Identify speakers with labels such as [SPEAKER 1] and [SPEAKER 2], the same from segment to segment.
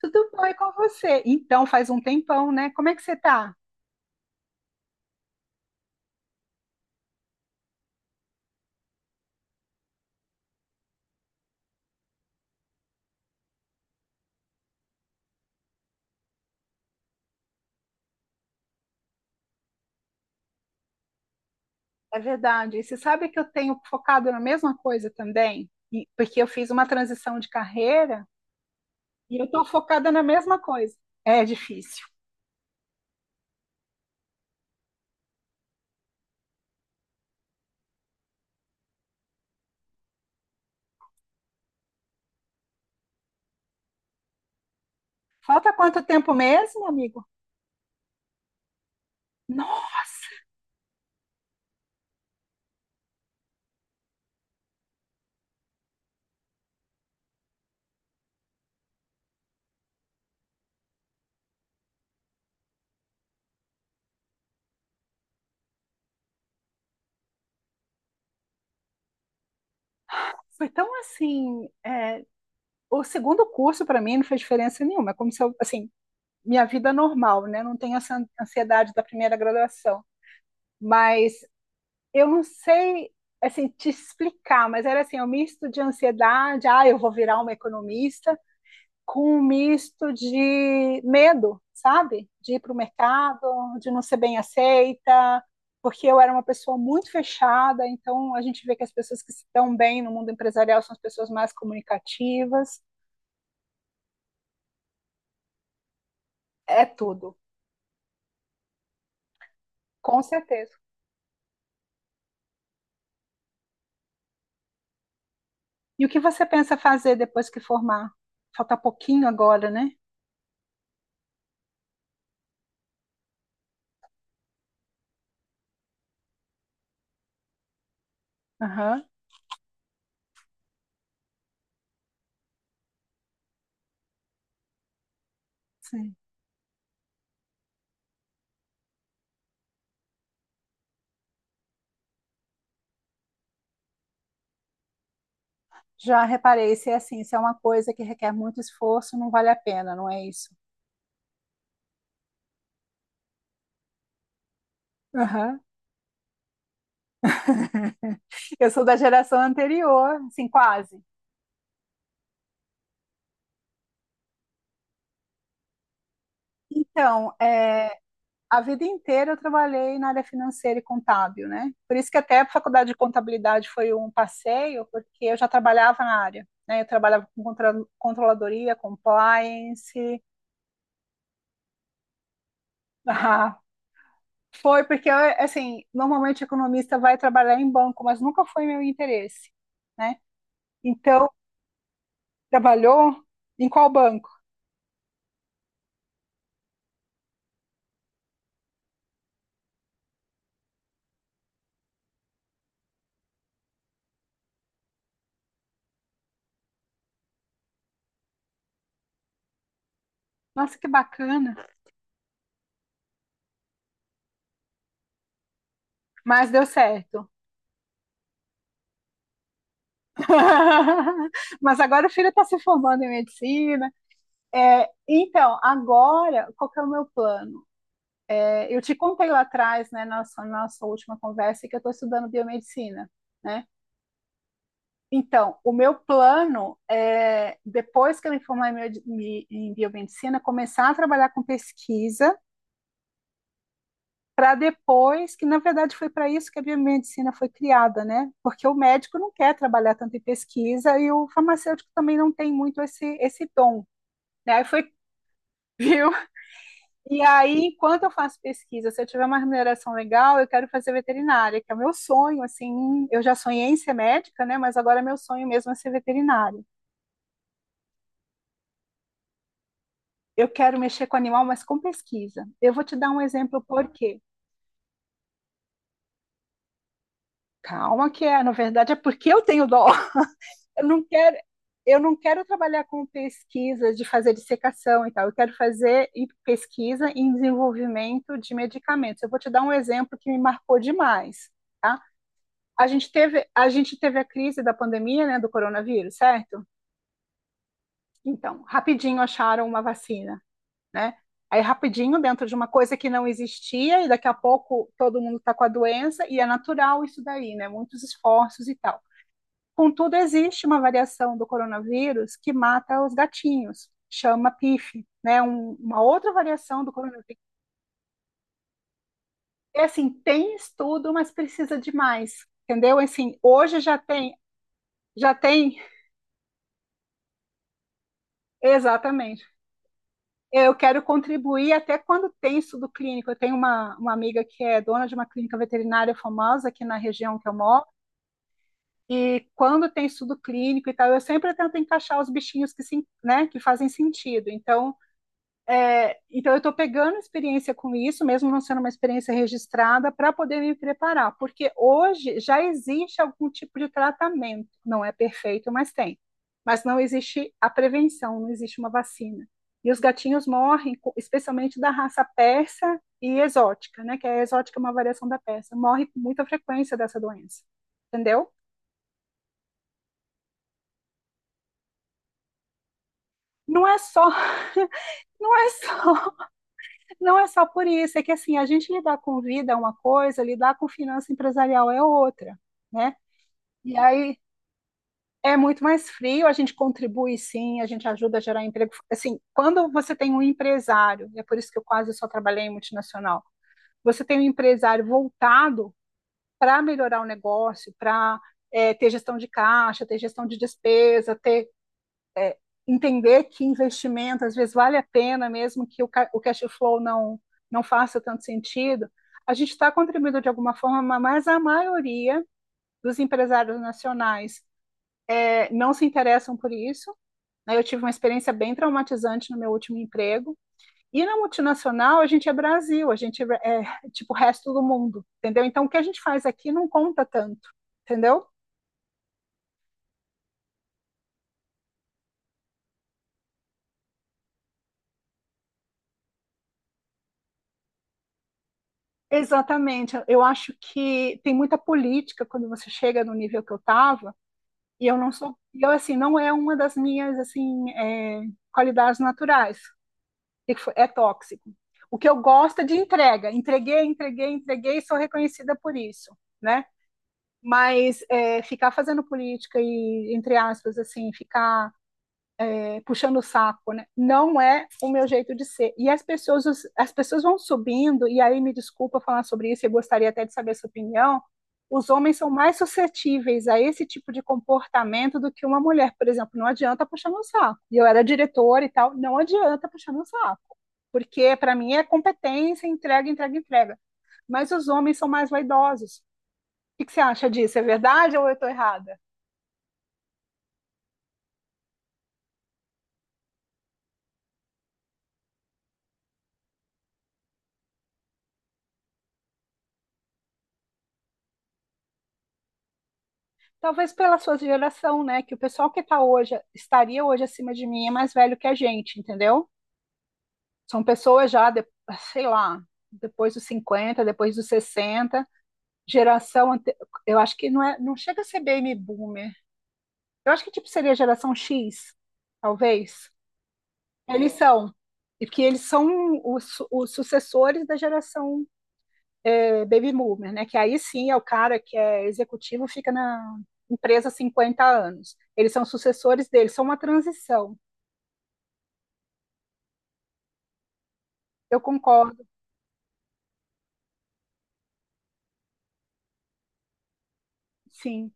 [SPEAKER 1] Tudo bom e com você? Então, faz um tempão, né? Como é que você tá? É verdade. E você sabe que eu tenho focado na mesma coisa também? Porque eu fiz uma transição de carreira e eu tô focada na mesma coisa. É difícil. Falta quanto tempo mesmo, amigo? Nossa! Foi tão assim. É, o segundo curso para mim não fez diferença nenhuma. É como se eu, assim, minha vida normal, né? Não tenho essa ansiedade da primeira graduação. Mas eu não sei assim te explicar, mas era assim, um misto de ansiedade, ah, eu vou virar uma economista, com um misto de medo, sabe? De ir para o mercado, de não ser bem aceita, porque eu era uma pessoa muito fechada, então a gente vê que as pessoas que se dão bem no mundo empresarial são as pessoas mais comunicativas, é tudo, com certeza. E o que você pensa fazer depois que formar? Falta pouquinho agora, né? Aham. Sim. Já reparei, se é assim, se é uma coisa que requer muito esforço, não vale a pena, não é isso? Aham. Eu sou da geração anterior, assim, quase. Então, é, a vida inteira eu trabalhei na área financeira e contábil, né? Por isso que até a faculdade de contabilidade foi um passeio, porque eu já trabalhava na área, né? Eu trabalhava com controladoria, compliance. Ah, foi porque, eu, assim, normalmente economista vai trabalhar em banco, mas nunca foi meu interesse, né? Então, trabalhou? Em qual banco? Nossa, que bacana. Mas deu certo. Mas agora o filho está se formando em medicina. É, então, agora, qual que é o meu plano? É, eu te contei lá atrás, né, na nossa última conversa, que eu estou estudando biomedicina, né? Então, o meu plano é, depois que eu me formar em biomedicina, começar a trabalhar com pesquisa para depois, que na verdade foi para isso que a biomedicina foi criada, né? Porque o médico não quer trabalhar tanto em pesquisa e o farmacêutico também não tem muito esse dom, né? Aí foi, viu? E aí, enquanto eu faço pesquisa, se eu tiver uma remuneração legal, eu quero fazer veterinária, que é o meu sonho, assim, eu já sonhei em ser médica, né? Mas agora meu sonho mesmo é ser veterinária. Eu quero mexer com animal, mas com pesquisa. Eu vou te dar um exemplo por quê. Calma que é, na verdade é porque eu tenho dó. eu não quero, eu não quero trabalhar com pesquisa de fazer dissecação e tal, eu quero fazer em pesquisa em desenvolvimento de medicamentos. Eu vou te dar um exemplo que me marcou demais, tá? A gente teve a crise da pandemia, né, do coronavírus, certo? Então, rapidinho acharam uma vacina, né? Aí rapidinho, dentro de uma coisa que não existia, e daqui a pouco todo mundo está com a doença, e é natural isso daí, né? Muitos esforços e tal. Contudo, existe uma variação do coronavírus que mata os gatinhos, chama PIF, né? Uma outra variação do coronavírus. É assim, tem estudo, mas precisa de mais, entendeu? Assim, hoje já tem. Exatamente. Eu quero contribuir até quando tem estudo clínico. Eu tenho uma amiga que é dona de uma clínica veterinária famosa aqui na região que eu moro, e quando tem estudo clínico e tal, eu sempre tento encaixar os bichinhos que, se, né, que fazem sentido. Então, eu estou pegando experiência com isso, mesmo não sendo uma experiência registrada, para poder me preparar, porque hoje já existe algum tipo de tratamento. Não é perfeito, mas tem. Mas não existe a prevenção, não existe uma vacina. E os gatinhos morrem, especialmente da raça persa e exótica, né? Que a exótica é uma variação da persa. Morre com muita frequência dessa doença, entendeu? Não é só, não é só Não é só por isso, é que assim, a gente lidar com vida é uma coisa, lidar com finança empresarial é outra, né? E aí é muito mais frio, a gente contribui sim, a gente ajuda a gerar emprego. Assim, quando você tem um empresário, e é por isso que eu quase só trabalhei em multinacional, você tem um empresário voltado para melhorar o negócio, para é, ter gestão de caixa, ter gestão de despesa, ter entender que investimento às vezes vale a pena, mesmo que o cash flow não faça tanto sentido, a gente está contribuindo de alguma forma, mas a maioria dos empresários nacionais é, não se interessam por isso. Né? Eu tive uma experiência bem traumatizante no meu último emprego. E na multinacional, a gente é Brasil, a gente é tipo o resto do mundo, entendeu? Então, o que a gente faz aqui não conta tanto, entendeu? Exatamente. Eu acho que tem muita política quando você chega no nível que eu estava, e eu não sou, e eu assim, não é uma das minhas assim é, qualidades naturais. O que que foi? É tóxico. O que eu gosto é de entrega. Entreguei, entreguei, entreguei e sou reconhecida por isso, né? Mas é, ficar fazendo política e, entre aspas, assim, ficar puxando o saco, né? Não é o meu jeito de ser. E as pessoas vão subindo, e aí me desculpa falar sobre isso, eu gostaria até de saber a sua opinião. Os homens são mais suscetíveis a esse tipo de comportamento do que uma mulher, por exemplo. Não adianta puxar no saco. E eu era diretora e tal, não adianta puxar no saco. Porque para mim é competência, entrega, entrega, entrega. Mas os homens são mais vaidosos. O que que você acha disso? É verdade ou eu estou errada? Talvez pela sua geração, né? Que o pessoal que tá hoje, estaria hoje acima de mim é mais velho que a gente, entendeu? São pessoas já, sei lá, depois dos 50 depois dos 60 geração, eu acho que não é, não chega a ser baby boomer. Eu acho que tipo seria a geração X, talvez. Eles são, eles são os sucessores da geração é, baby boomer, né? Que aí sim é o cara que é executivo, fica na empresa há 50 anos. Eles são sucessores deles, são uma transição. Eu concordo, sim.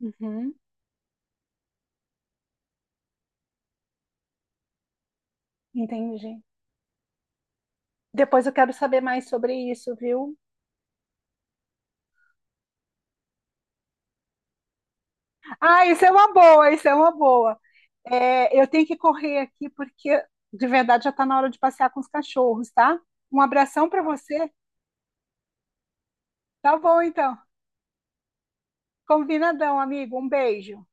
[SPEAKER 1] Uhum, entendi. Depois eu quero saber mais sobre isso, viu? Ah, isso é uma boa, isso é uma boa. É, eu tenho que correr aqui porque de verdade já está na hora de passear com os cachorros, tá? Um abração para você. Tá bom, então. Combinadão, amigo. Um beijo.